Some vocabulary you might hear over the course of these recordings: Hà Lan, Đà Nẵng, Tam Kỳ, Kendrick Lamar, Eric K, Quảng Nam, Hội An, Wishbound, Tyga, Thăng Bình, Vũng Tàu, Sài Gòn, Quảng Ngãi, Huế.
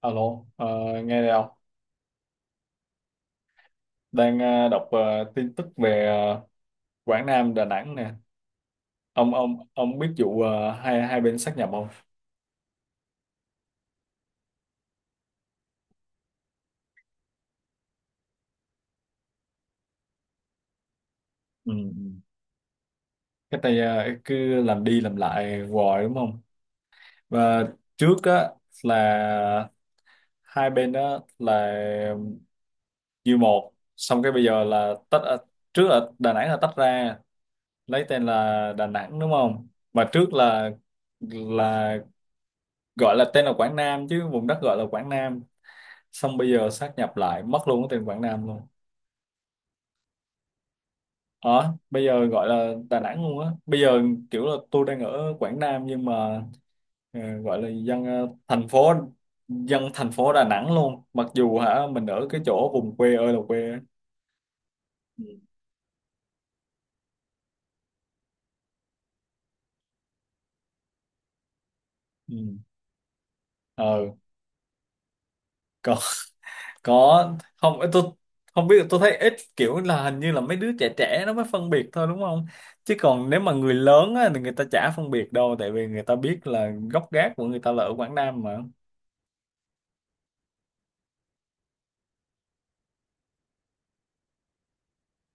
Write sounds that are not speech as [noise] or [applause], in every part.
Alo, ờ, nghe đây không? Đang đọc tin tức về Quảng Nam, Đà Nẵng nè. Ông biết vụ hai hai bên sát nhập không? Ừ. Ừ. Cái tay cứ làm đi làm lại hoài đúng không? Và trước á là hai bên đó là như một, xong cái bây giờ là tách, trước là Đà Nẵng là tách ra, lấy tên là Đà Nẵng đúng không? Mà trước là gọi là tên là Quảng Nam, chứ vùng đất gọi là Quảng Nam. Xong bây giờ sát nhập lại mất luôn cái tên Quảng Nam luôn. Ờ Bây giờ gọi là Đà Nẵng luôn á bây giờ, kiểu là tôi đang ở Quảng Nam nhưng mà gọi là dân thành phố dân thành phố Đà Nẵng luôn, mặc dù hả mình ở cái chỗ vùng quê ơi là quê á. Ừ. Ừ. ờ có. [laughs] Có. Không, tôi không biết. Tôi thấy ít, kiểu là hình như là mấy đứa trẻ trẻ nó mới phân biệt thôi đúng không? Chứ còn nếu mà người lớn á, thì người ta chả phân biệt đâu, tại vì người ta biết là gốc gác của người ta là ở Quảng Nam mà.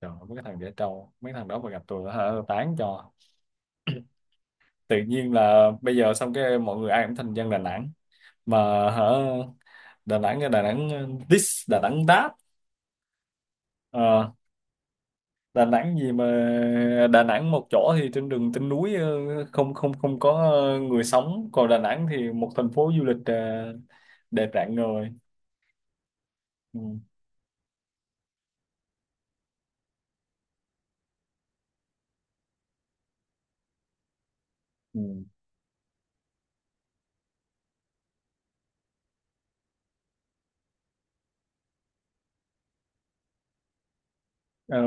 Trời, mấy cái thằng dễ trâu, mấy thằng đó mà gặp tôi hả, tôi tán cho. Tự nhiên là bây giờ xong cái mọi người ai cũng thành dân Đà Nẵng mà hả, Đà Nẵng Đà Nẵng this Đà Nẵng that. Ờ, Đà Nẵng gì mà Đà Nẵng một chỗ thì trên đường trên núi, không không không có người sống, còn Đà Nẵng thì một thành phố du lịch đẹp rạng ngời. Ừ. Ừ. Ờ,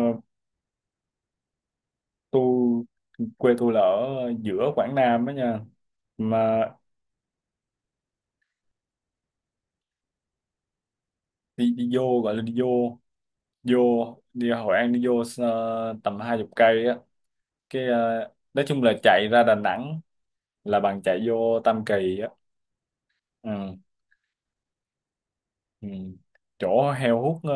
tôi quê tôi là ở giữa Quảng Nam đó nha. Mà đi đi vô, gọi là đi vô. vô Đi Hội An đi vô tầm hai chục cây á. Cái nói chung là chạy ra Đà Nẵng là bằng chạy vô Tam Kỳ á. Ừ. Ừ. Chỗ heo hút,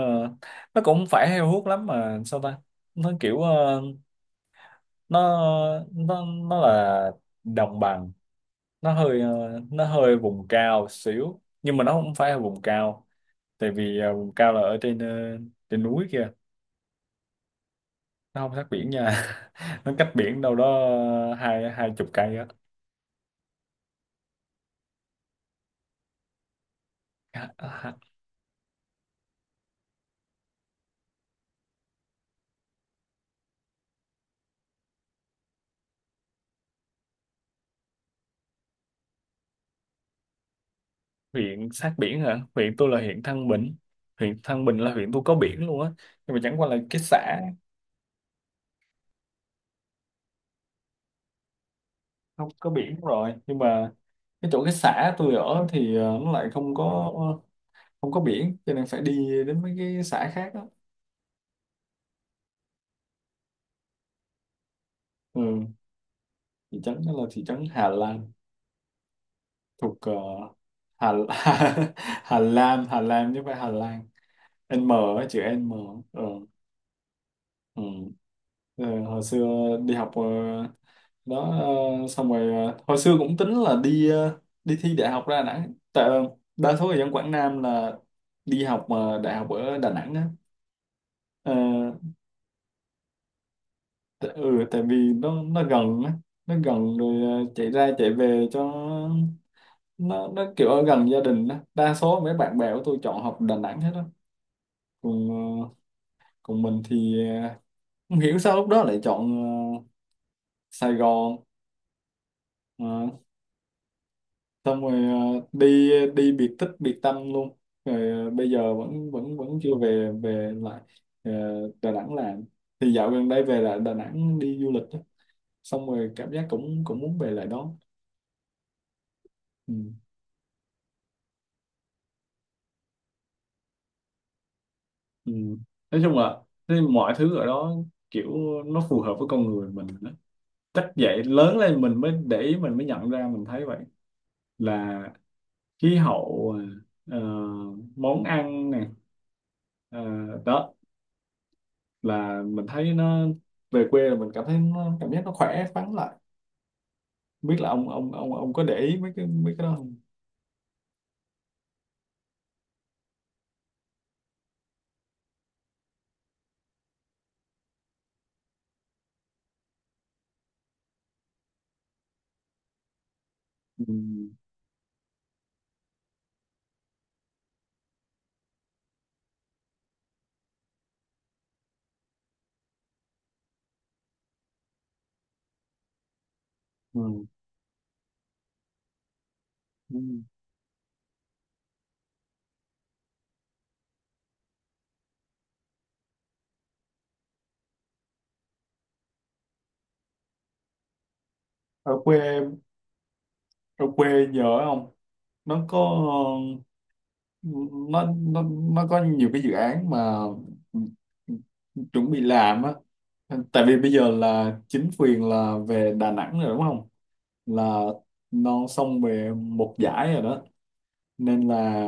nó cũng không phải heo hút lắm mà sao ta. Nó kiểu nó nó nó là đồng bằng. Nó hơi vùng cao xíu nhưng mà nó không phải là vùng cao. Tại vì vùng cao là ở trên, trên núi kia. Nó không sát biển nha. [laughs] Nó cách biển đâu đó hai hai chục cây á. À, à, huyện sát biển hả? Huyện tôi là huyện Thăng Bình. Huyện Thăng Bình là huyện tôi có biển luôn á. Nhưng mà chẳng qua là cái xã không có biển rồi. Nhưng mà cái chỗ cái xã tôi ở thì nó lại không có biển. Cho nên phải đi đến mấy cái xã khác á. Ừ. Thị trấn đó là thị trấn Hà Lan. Thuộc Hà, [laughs] Hà Lan. Hà Lan chứ không phải Hà Lan. N á, chữ N. Ừ. Ừ. Ờ, hồi xưa đi học đó. Xong rồi hồi xưa cũng tính là đi thi đại học ra Đà Nẵng, tại đa số người dân Quảng Nam là đi học mà đại học ở Đà Nẵng á. Ờ, ừ, tại vì nó gần á, nó gần rồi chạy ra chạy về cho nó kiểu ở gần gia đình á. Đa số mấy bạn bè của tôi chọn học Đà Nẵng hết á. còn ờ, Còn mình thì không hiểu sao lúc đó lại chọn ờ, Sài Gòn. Ờ, xong rồi đi đi biệt tích biệt tâm luôn. Rồi bây giờ vẫn vẫn vẫn chưa về về lại ờ, Đà Nẵng làm. Thì dạo gần đây về lại Đà Nẵng đi du lịch á. Xong rồi cảm giác cũng cũng muốn về lại đó. Ừ. Ừ. Nói chung là thế, mọi thứ ở đó kiểu nó phù hợp với con người mình đó. Chắc vậy, lớn lên mình mới để ý, mình mới nhận ra, mình thấy vậy. Là khí hậu, ờ, món ăn nè. Ờ, đó là mình thấy nó, về quê là mình cảm thấy nó, cảm giác nó khỏe khoắn lại. Không biết là ông có để ý mấy cái đó không? Ừ. Ừ. Ừ. ở quê Ở quê giờ á, không? nó có nó nó nó có nhiều cái dự án mà chuẩn bị làm á. Tại vì bây giờ là chính quyền là về Đà Nẵng rồi đúng không, là non sông về một giải rồi đó. Nên là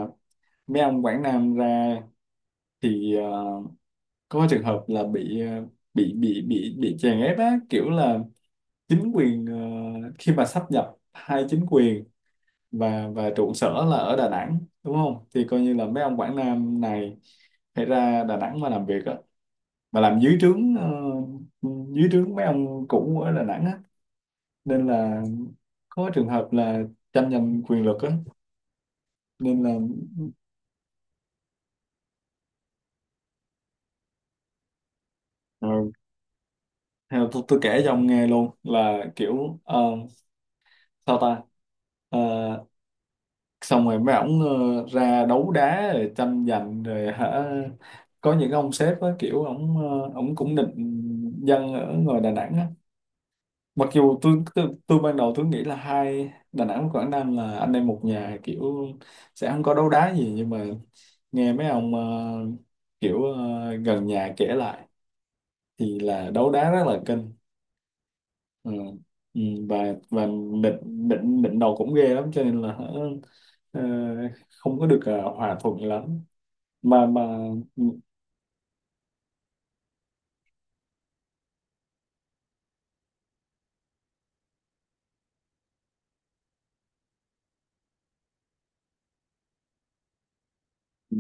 mấy ông Quảng Nam ra thì có trường hợp là bị bị chèn ép á, kiểu là chính quyền khi mà sáp nhập hai chính quyền và trụ sở là ở Đà Nẵng đúng không, thì coi như là mấy ông Quảng Nam này phải ra Đà Nẵng mà làm việc á, mà làm dưới trướng mấy ông cũ ở Đà Nẵng á. Nên là có trường hợp là tranh giành quyền lực á. Nên là ờ, theo tôi kể cho ông nghe luôn là kiểu sao ta. Ờ, xong rồi mấy ổng ra đấu đá rồi tranh giành rồi hả. Có những ông sếp á, kiểu ổng cũng định dân ở ngoài Đà Nẵng á. Mặc dù tôi ban đầu tôi nghĩ là hai Đà Nẵng và Quảng Nam là anh em một nhà, kiểu sẽ không có đấu đá gì, nhưng mà nghe mấy ông kiểu gần nhà kể lại, thì là đấu đá rất là kênh. Ừ. Ừ. Và bệnh bệnh bệnh đầu cũng ghê lắm, cho nên là ờ, không có được hòa thuận lắm. Mà ừ,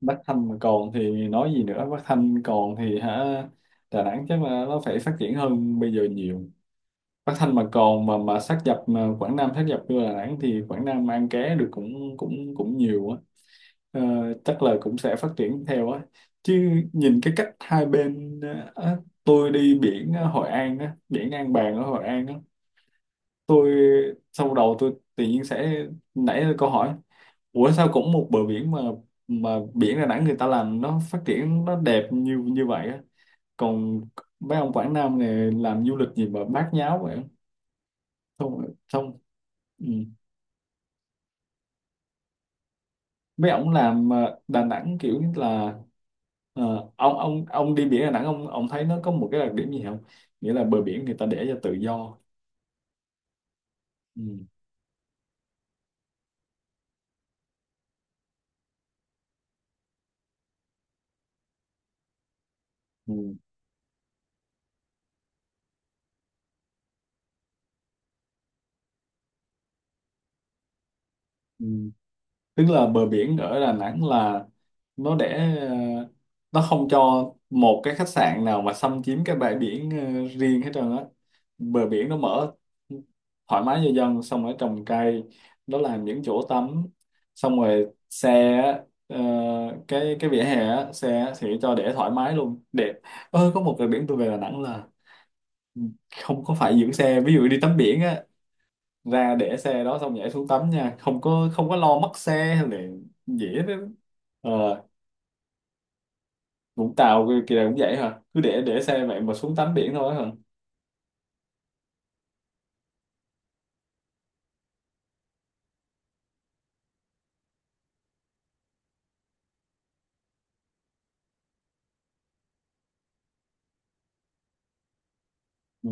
Bắc Thanh mà còn thì nói gì nữa. Bắc Thanh còn thì hả, Đà Nẵng chắc là nó phải phát triển hơn bây giờ nhiều. Bắc Thanh mà còn, mà sát nhập, mà Quảng Nam sát nhập vô Đà Nẵng thì Quảng Nam ăn ké được cũng cũng cũng nhiều á. Ờ, chắc là cũng sẽ phát triển theo á, chứ nhìn cái cách hai bên á, tôi đi biển ở Hội An á, biển An Bàng ở Hội An á. Tôi sau đầu tôi tự nhiên sẽ nảy ra câu hỏi: ủa sao cũng một bờ biển mà, biển Đà Nẵng người ta làm nó phát triển nó đẹp như như vậy á, còn mấy ông Quảng Nam này làm du lịch gì mà bát nháo vậy? Không, không. Mấy ông làm Đà Nẵng kiểu như là ờ, ông đi biển Đà Nẵng, ông thấy nó có một cái đặc điểm gì không? Nghĩa là bờ biển người ta để cho tự do. Ừ. Ừ. Ừ. Tức là bờ biển ở Đà Nẵng là nó để ờ, nó không cho một cái khách sạn nào mà xâm chiếm cái bãi biển riêng hết trơn á. Bờ biển nó mở thoải mái cho dân, xong rồi trồng cây, nó làm những chỗ tắm. Xong rồi xe á, ờ, cái vỉa hè á, xe á thì cho để thoải mái luôn, đẹp. Ơ, có một bờ biển tôi về Đà Nẵng là không có phải giữ xe, ví dụ đi tắm biển á, ra để xe đó xong nhảy xuống tắm nha, không có lo mất xe hay là dễ đó. ờ Vũng Tàu kia kia cũng vậy hả? Cứ để xe vậy mà xuống tắm biển thôi hả? Ừ.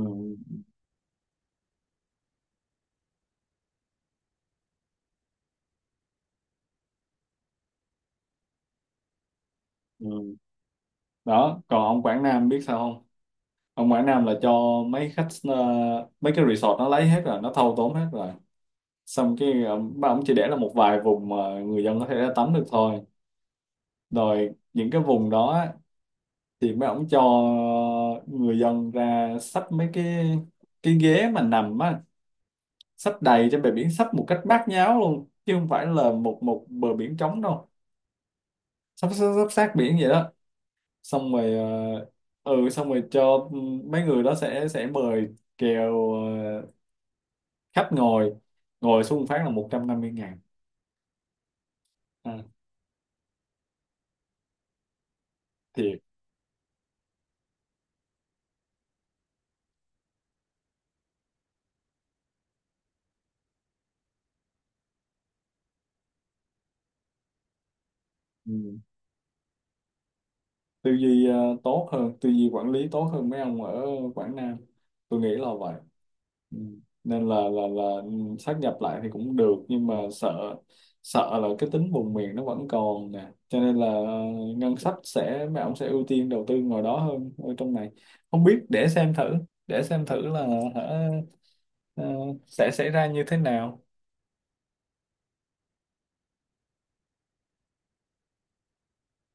Ừ. Đó còn ông Quảng Nam biết sao không? Ông Quảng Nam là cho mấy cái resort nó lấy hết rồi, nó thâu tóm hết rồi. Xong cái ba ông chỉ để là một vài vùng mà người dân có thể ra tắm được thôi. Rồi những cái vùng đó á, thì mấy ông cho người dân ra xách mấy cái ghế mà nằm á, sắp đầy trên bờ biển, sắp một cách bát nháo luôn, chứ không phải là một một bờ biển trống đâu. Sắp sắp, sắp sát biển vậy đó. Xong rồi ừ, xong rồi cho mấy người đó sẽ mời kèo khách ngồi, ngồi xuống phát là 150 ngàn. À, thiệt. Ừ. Tư duy tốt hơn, tư duy quản lý tốt hơn mấy ông ở Quảng Nam, tôi nghĩ là vậy. Ừ. Nên là ừ, sát nhập lại thì cũng được, nhưng mà sợ sợ là cái tính vùng miền nó vẫn còn nè, cho nên là ngân sách sẽ, mấy ông sẽ ưu tiên đầu tư ngoài đó hơn ở trong này. Không biết, để xem thử là hả, ờ, sẽ xảy ra như thế nào.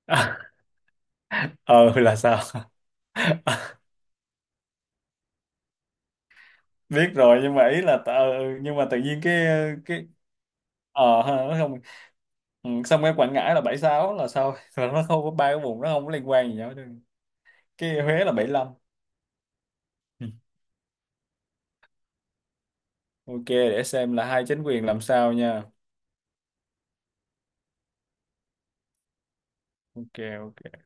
[laughs] Ờ là sao? [laughs] Biết rồi, nhưng mà ý là nhưng mà tự nhiên cái ha, nó không. Ừ. Xong cái Quảng Ngãi là 76 là sao? [laughs] Là nó không có ba cái vùng, nó không có liên quan gì nhau chứ. Cái Huế là 75. Ừ. OK, để xem là hai chính quyền làm sao nha. OK. OK.